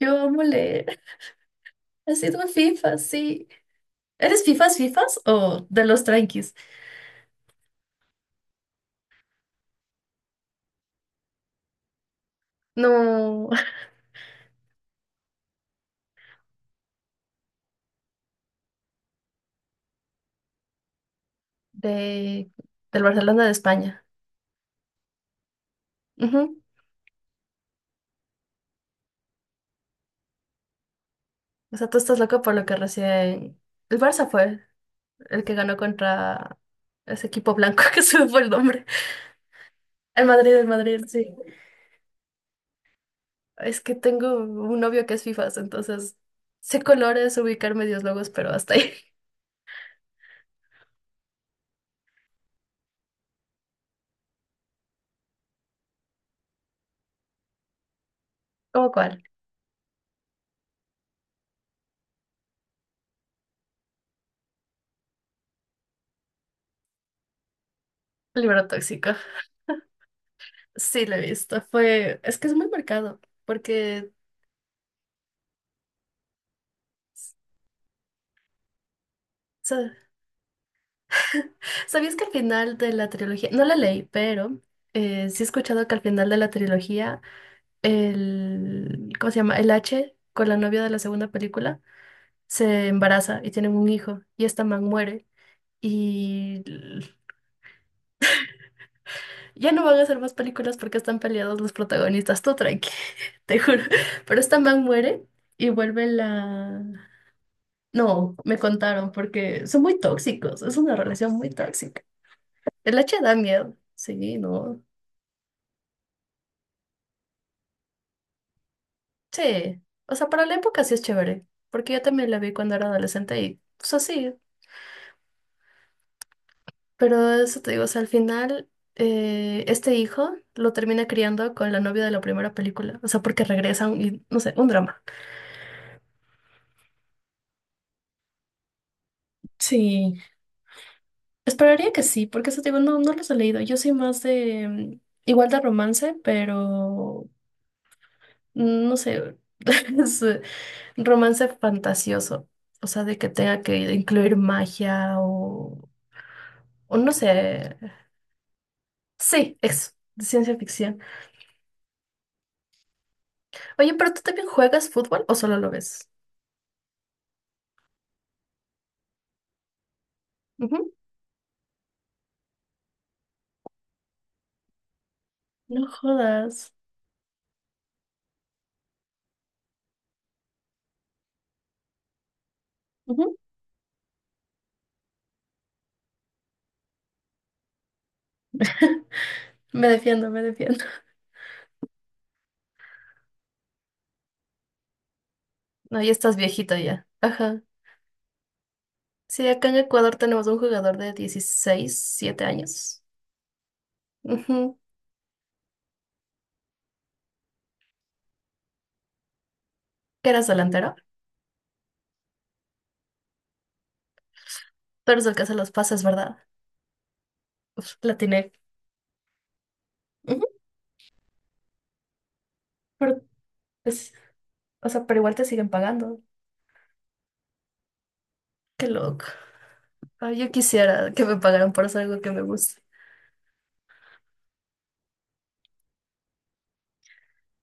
Yo amo leer. Ha sido FIFA, sí. ¿Eres FIFAs o de los tranquis? No, de, del Barcelona de España. Ujú. O sea, tú estás loco por lo que recién... El Barça fue el que ganó contra ese equipo blanco que se me fue el nombre. El Madrid, sí. Es que tengo un novio que es FIFAs, entonces sé colores, ubicar medios logos, pero hasta ahí. ¿Cómo cuál? Libro tóxico. Sí, lo he visto. Fue... Es que es muy marcado, porque... Sa- ¿Sabías que al final de la trilogía, no la leí, pero sí he escuchado que al final de la trilogía, ¿cómo se llama? El H con la novia de la segunda película se embaraza y tienen un hijo y esta man muere y ya no van a hacer más películas porque están peleados los protagonistas, tú tranqui, te juro, pero esta man muere y vuelve la... No, me contaron porque son muy tóxicos, es una relación muy tóxica. El H da miedo, sí, no. Sí, o sea, para la época sí es chévere, porque yo también la vi cuando era adolescente y, o sea, sí, pero eso te digo, o sea, al final este hijo lo termina criando con la novia de la primera película, o sea, porque regresan y, no sé, un drama. Sí, esperaría que sí, porque eso te digo, no, no los he leído, yo soy más de, igual de romance, pero, no sé, es romance fantasioso, o sea, de que tenga que incluir magia o, no sé. Sí, eso, de ciencia ficción. Oye, pero tú también juegas fútbol o solo lo ves? Ujú. No jodas. Ujú. Me defiendo, me defiendo. No, ya estás viejito ya. Ajá. Sí, acá en Ecuador tenemos un jugador de 16, 7 años. Ujú. Que eras delantero. Pero eres el que hace los pases, ¿verdad? Uf, la tiene. Ujú. Pero es- o sea, pero igual te siguen pagando. Qué loco. Ay, yo quisiera que me pagaran por hacer algo que me gusta.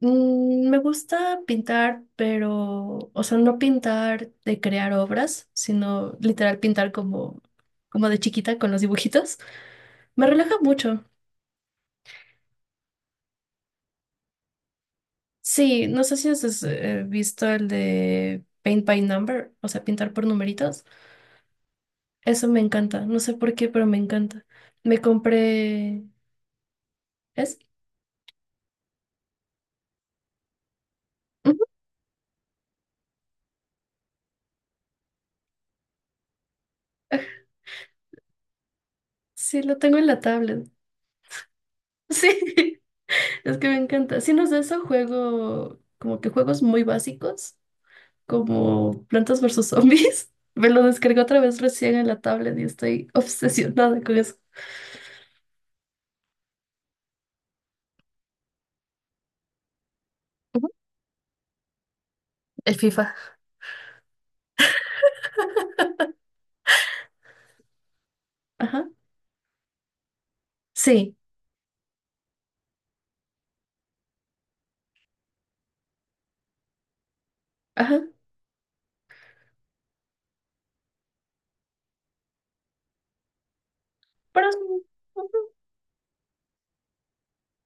Me gusta pintar, pero, o sea, no pintar de crear obras, sino literal pintar como de chiquita con los dibujitos. Me relaja mucho. Sí, no sé si has visto el de Paint by Number, o sea, pintar por numeritos. Eso me encanta. No sé por qué, pero me encanta. Me compré... ¿Es? Ujú. Ah, sí, lo tengo en la tablet. Sí, es que me encanta. Si no es de eso, juego como que juegos muy básicos, como Plantas versus Zombies. Me lo descargué otra vez recién en la tablet y estoy obsesionada con eso. Ujú. El FIFA. Ajá. Sí, ajá. Pero ujú,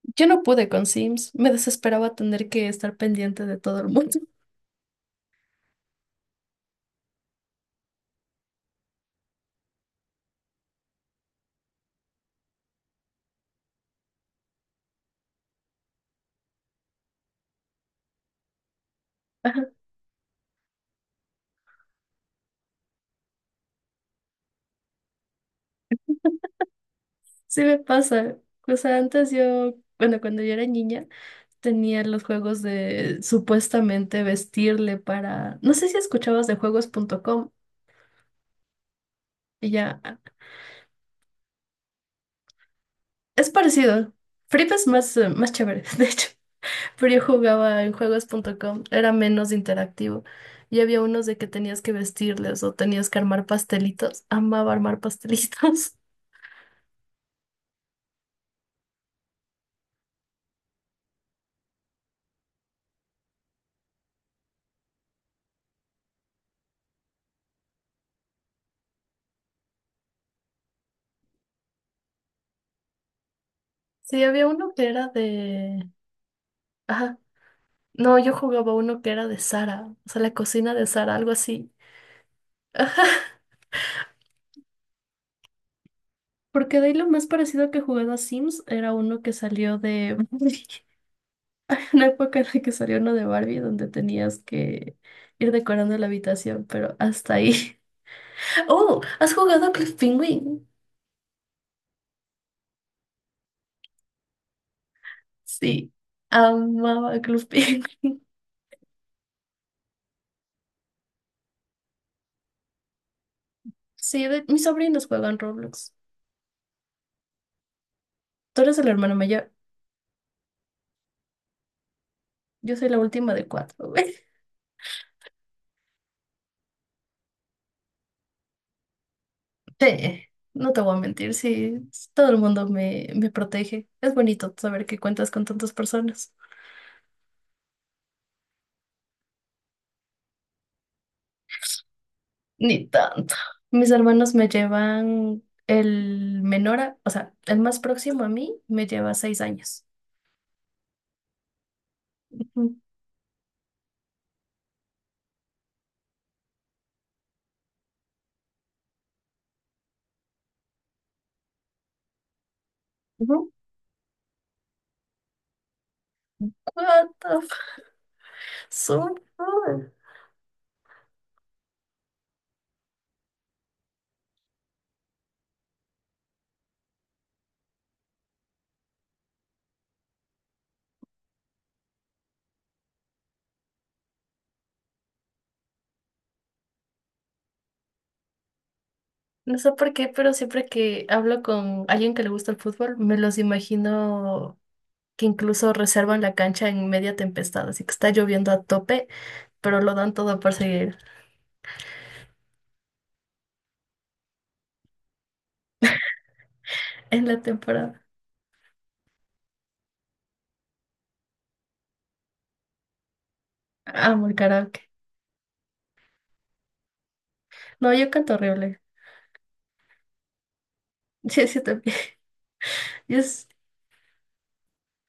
yo no pude con Sims. Me desesperaba tener que estar pendiente de todo el mundo. Ajá. Sí, me pasa. O sea, antes yo, bueno, cuando yo era niña, tenía los juegos de supuestamente vestirle para... No sé si escuchabas de juegos.com y ya. Es parecido. Flip es más chévere, de hecho. Pero yo jugaba en juegos.com, era menos interactivo. Y había unos de que tenías que vestirles o tenías que armar pastelitos. Amaba armar pastelitos. Sí, había uno que era de... Ajá. No, yo jugaba uno que era de Sara, o sea, la cocina de Sara, algo así. Ajá. Porque de ahí lo más parecido que jugaba a Sims era uno que salió de Barbie. Una época en la que salió uno de Barbie donde tenías que ir decorando la habitación, pero hasta ahí. Oh, ¿has jugado a Club Penguin? Sí, amaba Club Penguin. Sí, mis sobrinos juegan Roblox. Tú eres el hermano mayor. Yo soy la última de cuatro, güey. Sí, no te voy a mentir, sí. Todo el mundo me protege. Es bonito saber que cuentas con tantas personas. Ni tanto. Mis hermanos me llevan el menor, o sea, el más próximo a mí me lleva 6 años. Ujú. Ujú. What the f- so cool. No sé por qué, pero siempre que hablo con alguien que le gusta el fútbol, me los imagino que incluso reservan la cancha en media tempestad, así que está lloviendo a tope, pero lo dan todo por seguir en la temporada. Amo el karaoke. No, yo canto horrible. Sí, sí, también. Y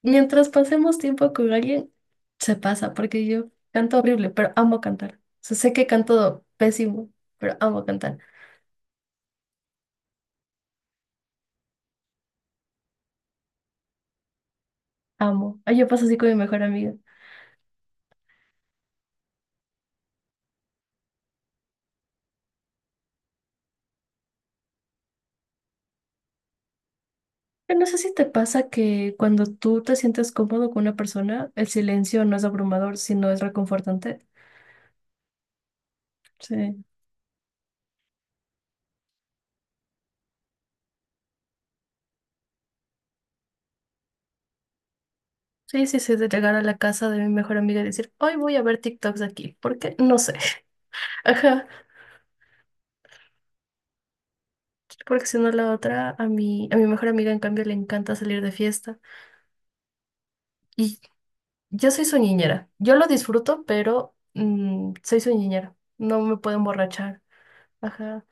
mientras pasemos tiempo con alguien, se pasa, porque yo canto horrible, pero amo cantar. O sea, sé que canto pésimo, pero amo cantar. Amo. Ay, yo paso así con mi mejor amiga. Pero no sé si te pasa que cuando tú te sientes cómodo con una persona, el silencio no es abrumador, sino es reconfortante. Sí, sí, sí, sí, de llegar a la casa de mi mejor amiga y decir, hoy voy a ver TikToks de aquí, ¿por qué? No sé. Ajá, porque si no la otra, a mi mejor amiga en cambio le encanta salir de fiesta. Y yo soy su niñera, yo lo disfruto, pero soy su niñera, no me puedo emborrachar. Ajá.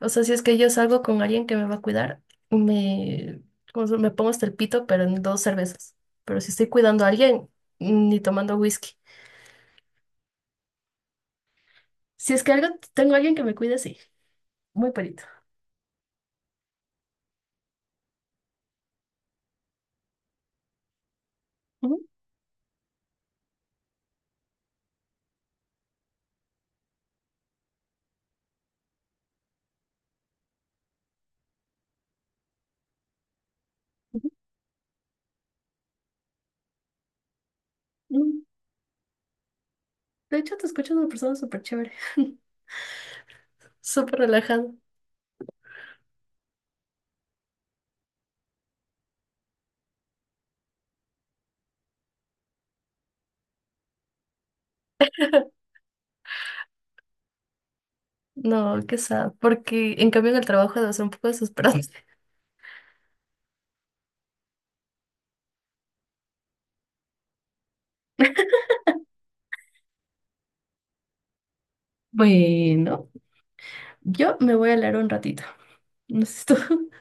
O sea, si es que yo salgo con alguien que me va a cuidar, me, me pongo hasta el pito, pero en dos cervezas. Pero si estoy cuidando a alguien, ni tomando whisky. Si es que algo, tengo alguien que me cuide, sí. Muy perito. Ujú, ujú, ujú. De hecho, te escuchas una persona súper chévere, súper relajada. No, qué sad, porque en cambio en el trabajo debe ser un poco desesperante. Bueno, yo me voy a leer un ratito. No sé si tú.